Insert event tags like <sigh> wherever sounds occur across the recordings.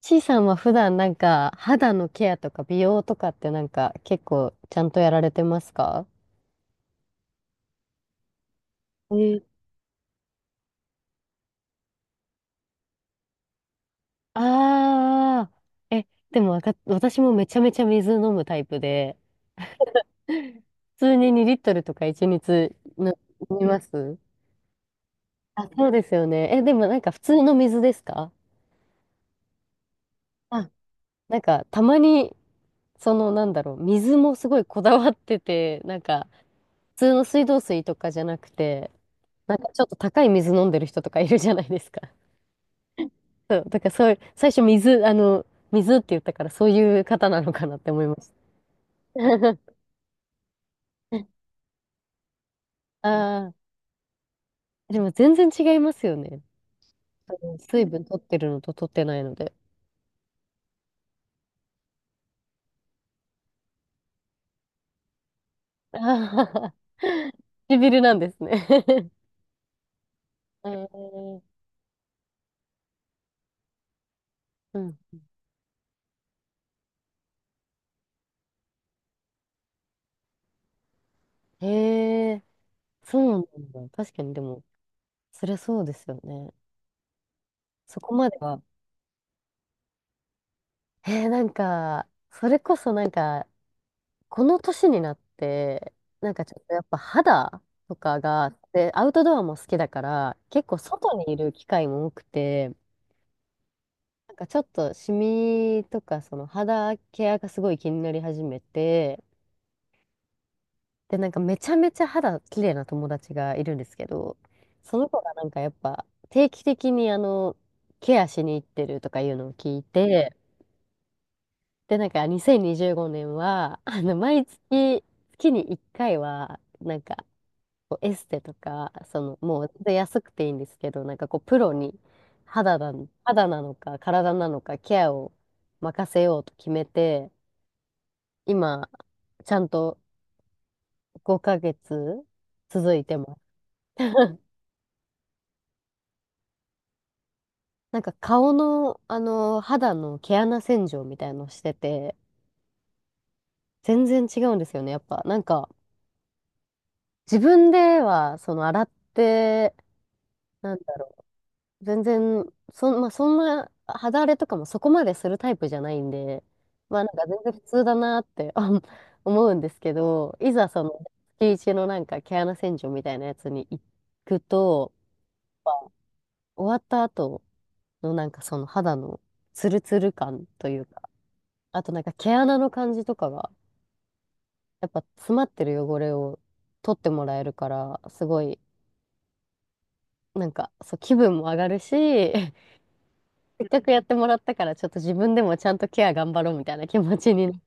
ちいさんは普段なんか肌のケアとか美容とかってなんか結構ちゃんとやられてますか？えああー、え、でもわか、私もめちゃめちゃ水飲むタイプで、<laughs> 普通に2リットルとか1日の飲みます。あ、そうですよね。え、でもなんか普通の水ですか？あ、なんかたまに、そのなんだろう、水もすごいこだわってて、なんか普通の水道水とかじゃなくて、なんかちょっと高い水飲んでる人とかいるじゃないですか。そう、だからそういう、最初水、あの、水って言ったからそういう方なのかなって思いました。<laughs> ああ、でも全然違いますよね。あの水分取ってるのと取ってないので。<laughs> ああ、<laughs> 唇なんですね。<laughs> えー、うん。へえ、そうなんだ。確かにでも、そりゃそうですよね。そこまでは。なんか、それこそなんか、この年になって、なんかちょっとやっぱ肌とかが、で、アウトドアも好きだから、結構外にいる機会も多くて、なんかちょっとシミとかその肌ケアがすごい気になり始めて、で、なんかめちゃめちゃ肌綺麗な友達がいるんですけど、その子がなんかやっぱ定期的にケアしに行ってるとかいうのを聞いて、で、なんか2025年は、毎月、月に1回は、なんか、こうエステとか、もう全然安くていいんですけど、なんかこう、プロに肌だ、肌なのか体なのかケアを任せようと決めて、今、ちゃんと5ヶ月続いてます。<laughs> なんか顔の、肌の毛穴洗浄みたいのをしてて、全然違うんですよね、やっぱ。なんか、自分では、洗って、なん全然、そん、まあ、そんな肌荒れとかもそこまでするタイプじゃないんで、まあなんか全然普通だなってあ <laughs> 思うんですけど、いざその月一のなんか毛穴洗浄みたいなやつに行くと、終わった後のなんかその肌のツルツル感というか、あとなんか毛穴の感じとかが、やっぱ詰まってる汚れを取ってもらえるから、すごい、なんかそう気分も上がるし、せっかくやってもらったから、ちょっと自分でもちゃんとケア頑張ろうみたいな気持ちにな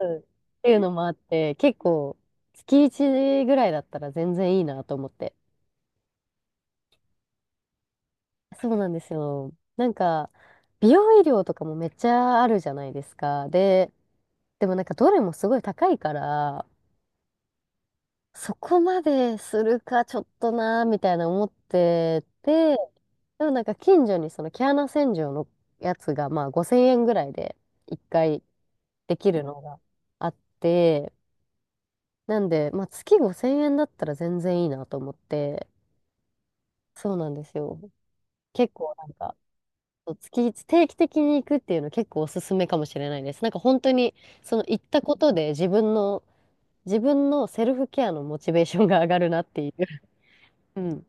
るっていうのもあって、結構、月1ぐらいだったら全然いいなと思って。そうなんですよ。なんか、美容医療とかもめっちゃあるじゃないですか。で、でもなんかどれもすごい高いから、そこまでするかちょっとなーみたいな思ってて、でもなんか近所にその毛穴洗浄のやつがまあ5000円ぐらいで1回できるのがあって、なんで、まあ、月5000円だったら全然いいなと思って、そうなんですよ。結構なんか、そう定期的に行くっていうの結構おすすめかもしれないです。なんか本当に、その行ったことで自分のセルフケアのモチベーションが上がるなっていう。うん。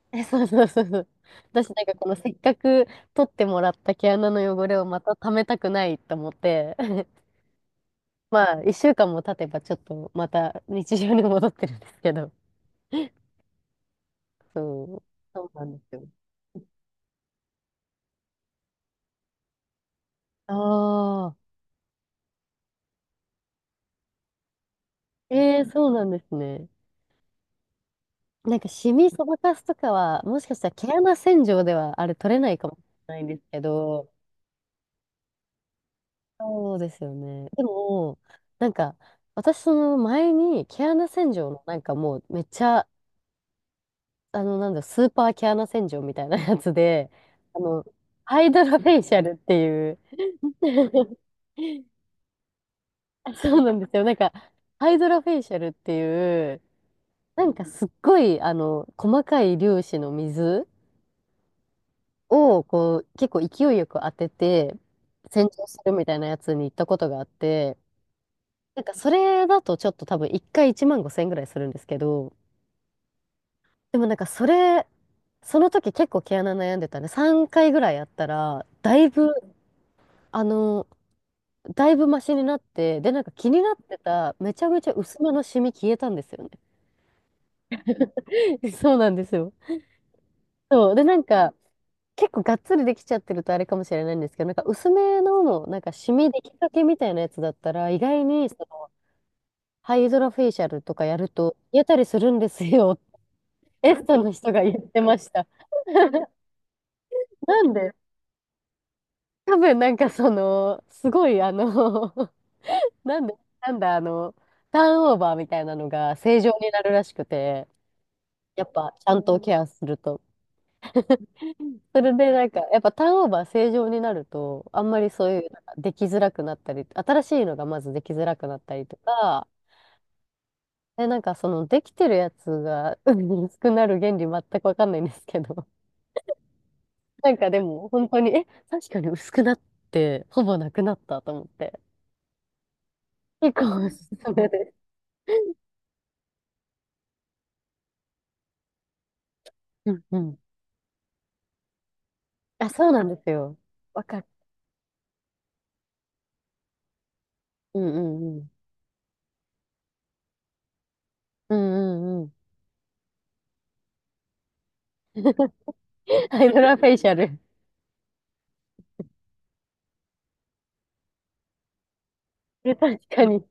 <laughs> え、そうそうそうそう。私なんかこのせっかく取ってもらった毛穴の汚れをまた溜めたくないと思って、<laughs> まあ、一週間も経てばちょっとまた日常に戻ってるんですけど。そう、そうなんですよ。ああ、ええそうなんですね。なんか、シミそばかすとかは、もしかしたら毛穴洗浄ではあれ取れないかもしれないんですけど、そうですよね。でも、なんか、私その前に毛穴洗浄のなんかもうめっちゃ、あの、なんだ、スーパー毛穴洗浄みたいなやつで、<laughs> あの、ハイドロフェイシャルっていう。 <laughs> そうなんですよ。なんか、ハイドロフェイシャルっていう、なんかすっごい、細かい粒子の水を、こう、結構勢いよく当てて、洗浄するみたいなやつに行ったことがあって、なんかそれだとちょっと多分1回1万5千円ぐらいするんですけど、でもなんかその時結構毛穴悩んでたね。3回ぐらいやったら、あの、だいぶマシになって、で、なんか気になってた、めちゃめちゃ薄めのシミ消えたんですよね。<laughs> そうなんですよ。そう。で、なんか、結構がっつりできちゃってるとあれかもしれないんですけど、なんか薄めの、なんかシミできかけみたいなやつだったら、意外にそのハイドロフェイシャルとかやると、やたりするんですよ。<laughs> エステの人が言ってました。なんで、多分なんかその、すごい<laughs> なんで、なんだあの、ターンオーバーみたいなのが正常になるらしくて、やっぱちゃんとケアすると。それでなんか、やっぱターンオーバー正常になると、あんまりそういう、なんかできづらくなったり、新しいのがまずできづらくなったりとか、で、なんかそのできてるやつが薄く <laughs> なる原理全くわかんないんですけど、なんかでも本当に、え、確かに薄くなって、ほぼなくなったと思って、結構おすすめです。うんうん。あ、そうなんですよ。わかる。うんうんうん。うんうんうん。ハイドラフェイシャル。<laughs> 確かに。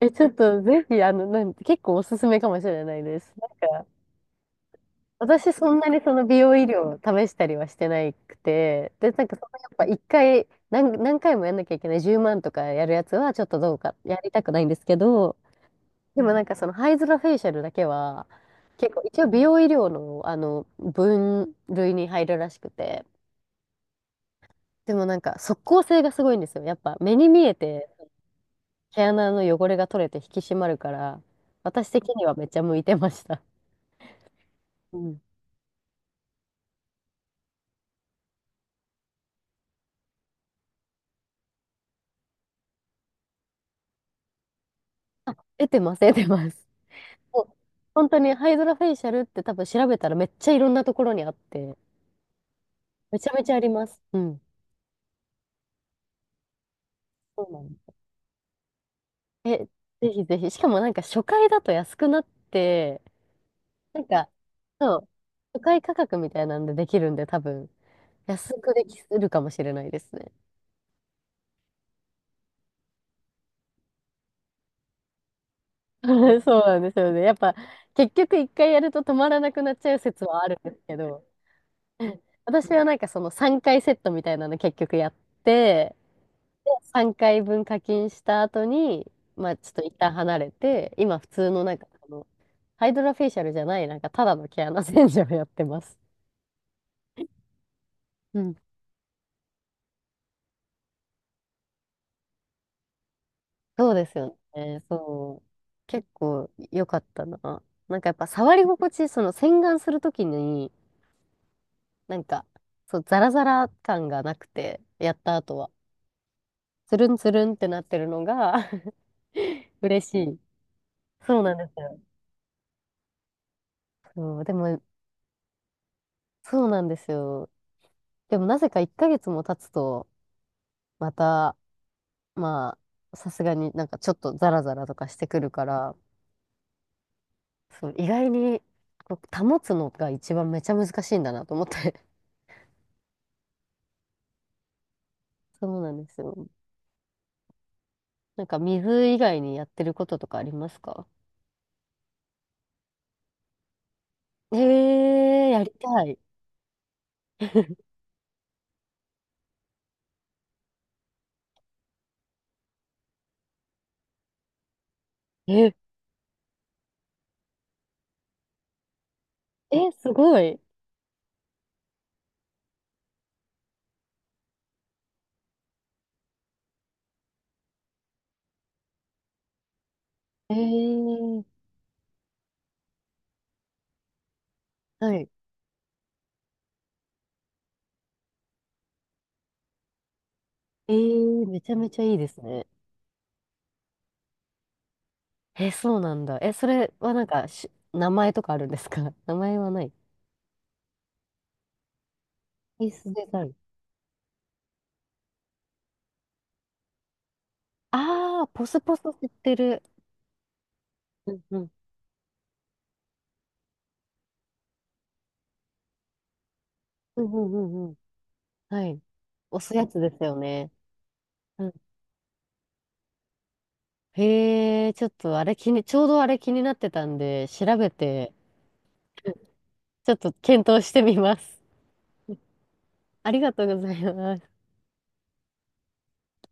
え、ちょっとぜひ、結構おすすめかもしれないです。なんか、私そんなにその美容医療を試したりはしてなくて、で、なんかそのやっぱ一回何回もやんなきゃいけない10万とかやるやつはちょっとどうか、やりたくないんですけど、でもなんかそのハイズラフェイシャルだけは、結構一応美容医療の、分類に入るらしくて、でもなんか即効性がすごいんですよ。やっぱ目に見えて毛穴の汚れが取れて引き締まるから、私的にはめっちゃ向いてました。うん。得てます、得てます。もう本当にハイドラフェイシャルって多分調べたらめっちゃいろんなところにあって、めちゃめちゃあります。うん。そうなの。え、ぜひぜひ。しかもなんか初回だと安くなって、なんか、そう、初回価格みたいなんでできるんで多分、安くできるかもしれないですね。<laughs> そうなんですよね。やっぱ、結局一回やると止まらなくなっちゃう説はあるんですけど、<laughs> 私はなんかその3回セットみたいなの結局やって、3回分課金した後に、まあちょっと一旦離れて、今普通のなんかハイドラフェイシャルじゃない、なんかただの毛穴洗浄をやってます。うん。そうですよね。そう。結構良かったな。なんかやっぱ触り心地、その洗顔するときに、なんか、そう、ザラザラ感がなくて、やった後は。つるんつるんってなってるのが <laughs> 嬉しい。そうなんですよ。そう、でも、そうなんですよ。でもなぜか1ヶ月も経つと、また、まさすがになんかちょっとザラザラとかしてくるから、そう意外にこう保つのが一番めちゃ難しいんだなと思って。<laughs> そうなんですよ。なんか水以外にやってることとかありますか？ええー、やりたい。<laughs> え、え、すごい。えー、はい。えー、めちゃめちゃいいですね。え、そうなんだ。え、それはなんか名前とかあるんですか？ <laughs> 名前はない。ピースデザイン。ああ、ポスポス知ってる。うんうんうんうんうんうん。はい。押すやつですよね。うん。へえ、ちょっとあれ気に、ちょうどあれ気になってたんで、調べて、ちょっと検討してみます。ありがとうございます。